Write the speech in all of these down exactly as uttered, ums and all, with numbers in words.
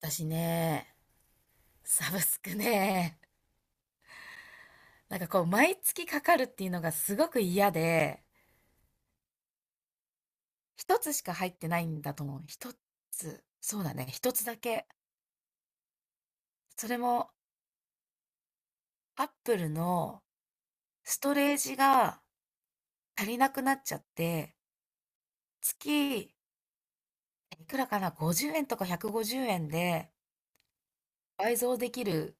私ね、サブスクね、なんかこう、毎月かかるっていうのがすごく嫌で、一つしか入ってないんだと思う。一つ。そうだね、一つだけ。それも、アップルのストレージが足りなくなっちゃって、月、いくらかな、ごじゅうえんとかひゃくごじゅうえんで倍増できる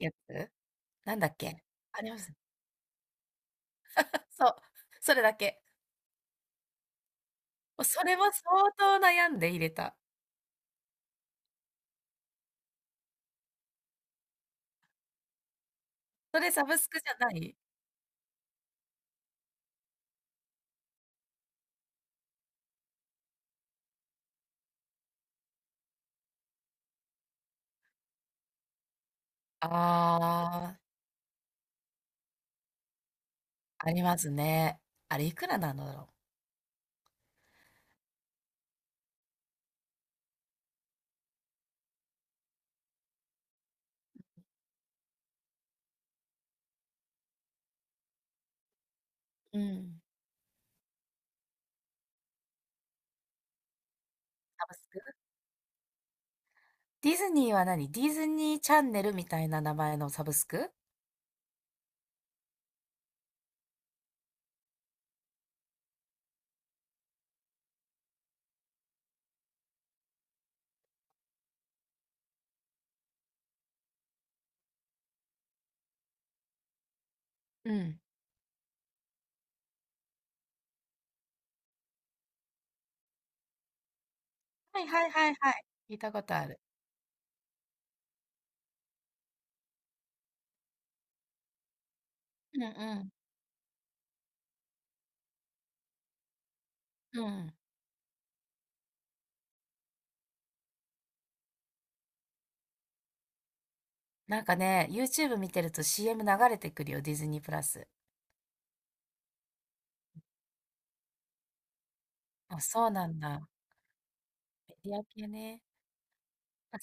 やつなんだっけ。あります。そう。それだけ。もうそれも相当悩んで入れた。それサブスクじゃない？ああ、ありますね。あれいくらなんだろう。うん。サブスク？ディズニーは何？ディズニーチャンネルみたいな名前のサブスク？うん。はいはいはいはい。聞いたことある。うんうん。うん。なんかね、YouTube 見てると シーエム 流れてくるよ、ディズニープラス。あ、そうなんだ。メディア系ね。あ、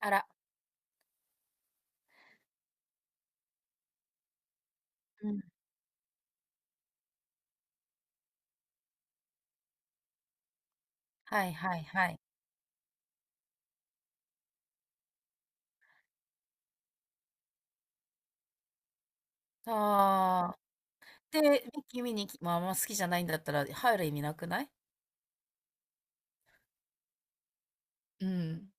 あら、うん。はいはいはい。ああ。で、ミッキー見に行き、まあ、あんま好きじゃないんだったら入る意味なくない？うん。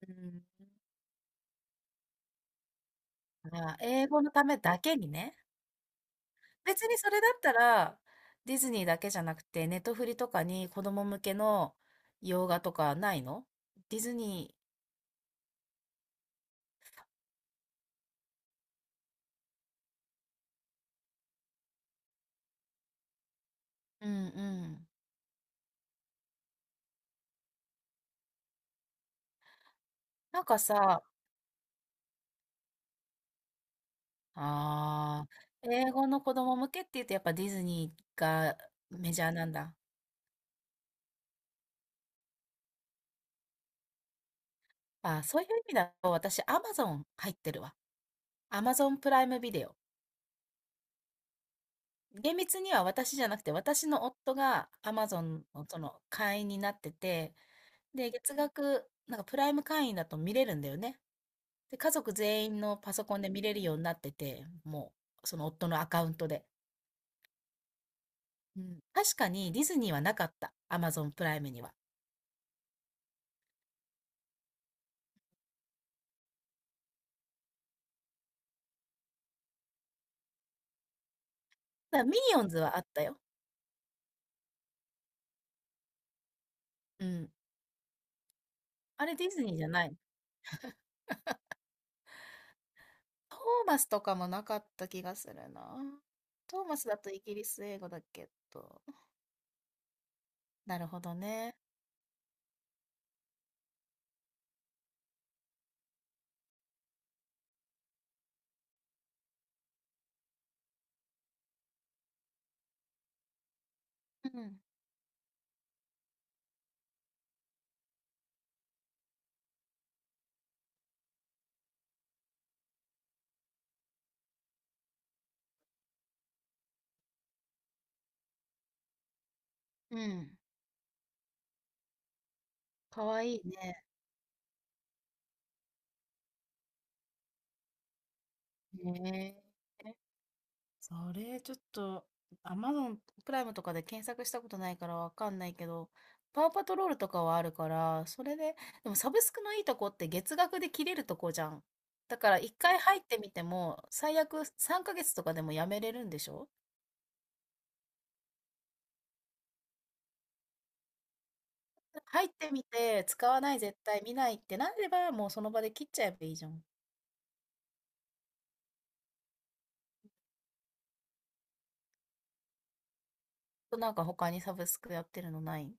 うん。ああ、英語のためだけにね。別にそれだったら、ディズニーだけじゃなくて、ネットフリとかに子供向けの洋画とかないの？ディズニー、うんうん。なんかさ、ああ、英語の子供向けって言うとやっぱディズニーがメジャーなんだ。ああ、そういう意味だと私、アマゾン入ってるわ。アマゾンプライムビデオ。厳密には私じゃなくて、私の夫がアマゾンのその会員になってて、で、月額、なんかプライム会員だと見れるんだよね。で、家族全員のパソコンで見れるようになってて、もう、その夫のアカウントで。うん。確かにディズニーはなかった。アマゾンプライムには。だからミニオンズはあったよ。うん。あれディズニーじゃない。トーマスとかもなかった気がするな。トーマスだとイギリス英語だけど。なるほどね。うん。うん。かわいいね。ねえ。それ、ちょっと、Amazon プライムとかで検索したことないからわかんないけど、パワーパトロールとかはあるから、それで、でもサブスクのいいとこって月額で切れるとこじゃん。だから一回入ってみても、最悪さんかげつとかでもやめれるんでしょ？入ってみて、使わない、絶対見ないってなれば、もうその場で切っちゃえばいいじゃん。なんか他にサブスクやってるのない？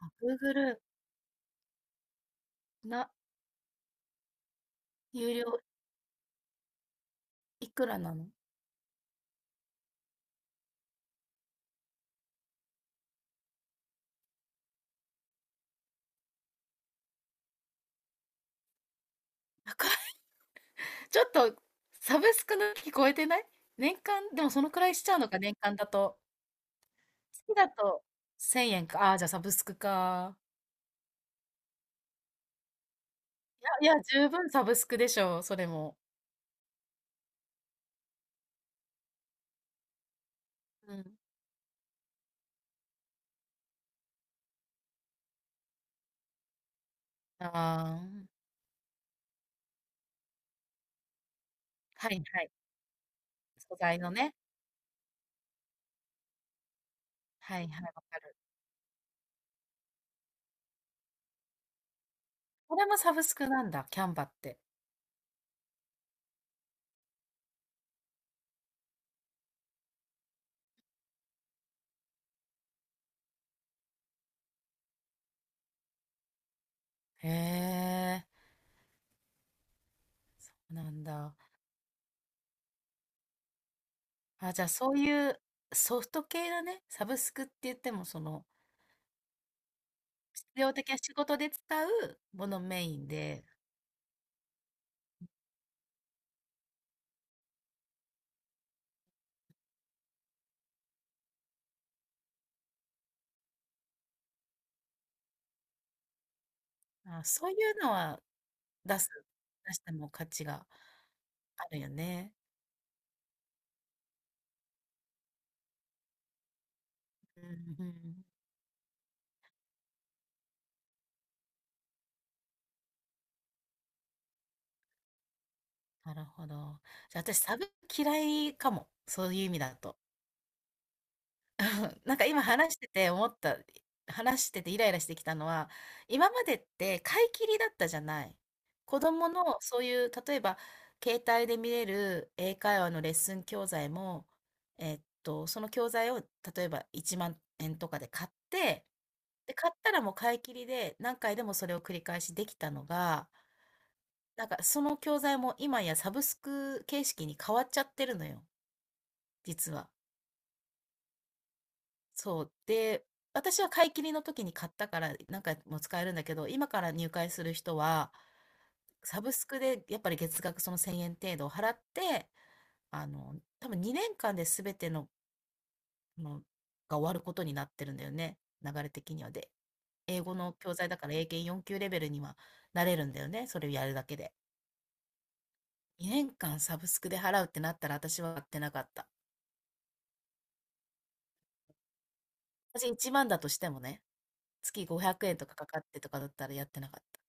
あ、Google な、有料いくらなの？高。ちょっとサブスクの聞超えてない？年間、でもそのくらいしちゃうのか、年間だと。月だとせんえんか。ああ、じゃあサブスクか。いや、いや、十分サブスクでしょう、それも。うん。ああ、はいはい。素材のね。はいはい、わかる。これもサブスクなんだ、キャンバって。へえ、なんだ。あ、じゃあそういうソフト系だね。サブスクって言っても、その、必要的な仕事で使うものメインで、あ、そういうのは出す出しても価値があるよね。うんうん。なるほど。じゃあ私、サブ嫌いかも、そういう意味だと。なんか今話してて思った、話しててイライラしてきたのは、今までって買い切りだったじゃない。子供のそういう、例えば携帯で見れる英会話のレッスン教材も、えっと、その教材を例えばいちまん円とかで買って、で、買ったらもう買い切りで何回でもそれを繰り返しできたのが、なんかその教材も今やサブスク形式に変わっちゃってるのよ、実は。そう。で、私は買い切りの時に買ったから、何回も使えるんだけど、今から入会する人は、サブスクでやっぱり月額そのせんえん程度を払って、あの、多分にねんかんで全ての、のが終わることになってるんだよね。流れ的にはで。英語の教材だから英検よん級レベルにはなれるんだよね。それをやるだけで。にねんかんサブスクで払うってなったら私はやってなかった。私いちまんだとしてもね、月ごひゃくえんとかかかってとかだったらやってなかった。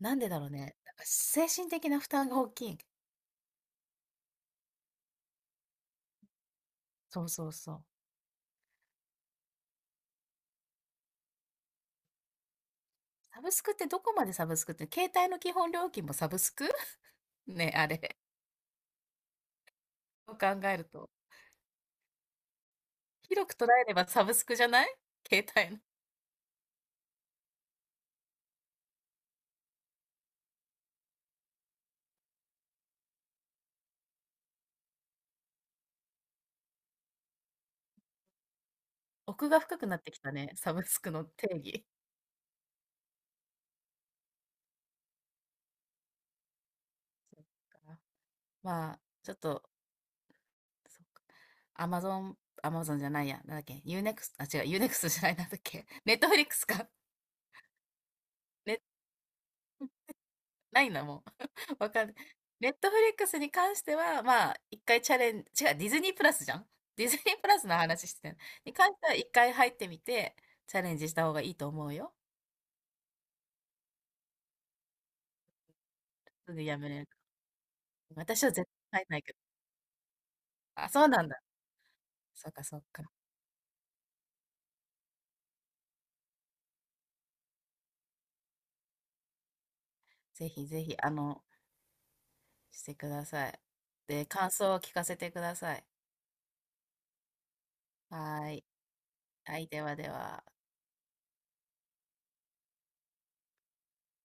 なんでだろうね。なんか精神的な負担が大きい。そうそうそう。サブスクってどこまでサブスクって、携帯の基本料金もサブスク ね、あれ。そう考えると。広く捉えればサブスクじゃない？携帯の。奥が深くなってきたね。サブスクの定義。そっか。まあ、ちょっと、そっか。アマゾン、アマゾンじゃないや。なんだっけ？ Unext、あ、違う、Unext じゃない、なんだっけ？ Netflix か。ないな、もう。わかんない。ネットフリックスに関しては、まあ、一回チャレンジ、違う、ディズニープラスじゃん？ディズニープラスの話してる。に関しては、一回入ってみて、チャレンジした方がいいと思うよ。すぐやめれるから。私は絶対入んないけど。あ、そうなんだ。そっかそっか。ぜひぜひ、あの、してください。で、感想を聞かせてください。はーい。はい、ではでは。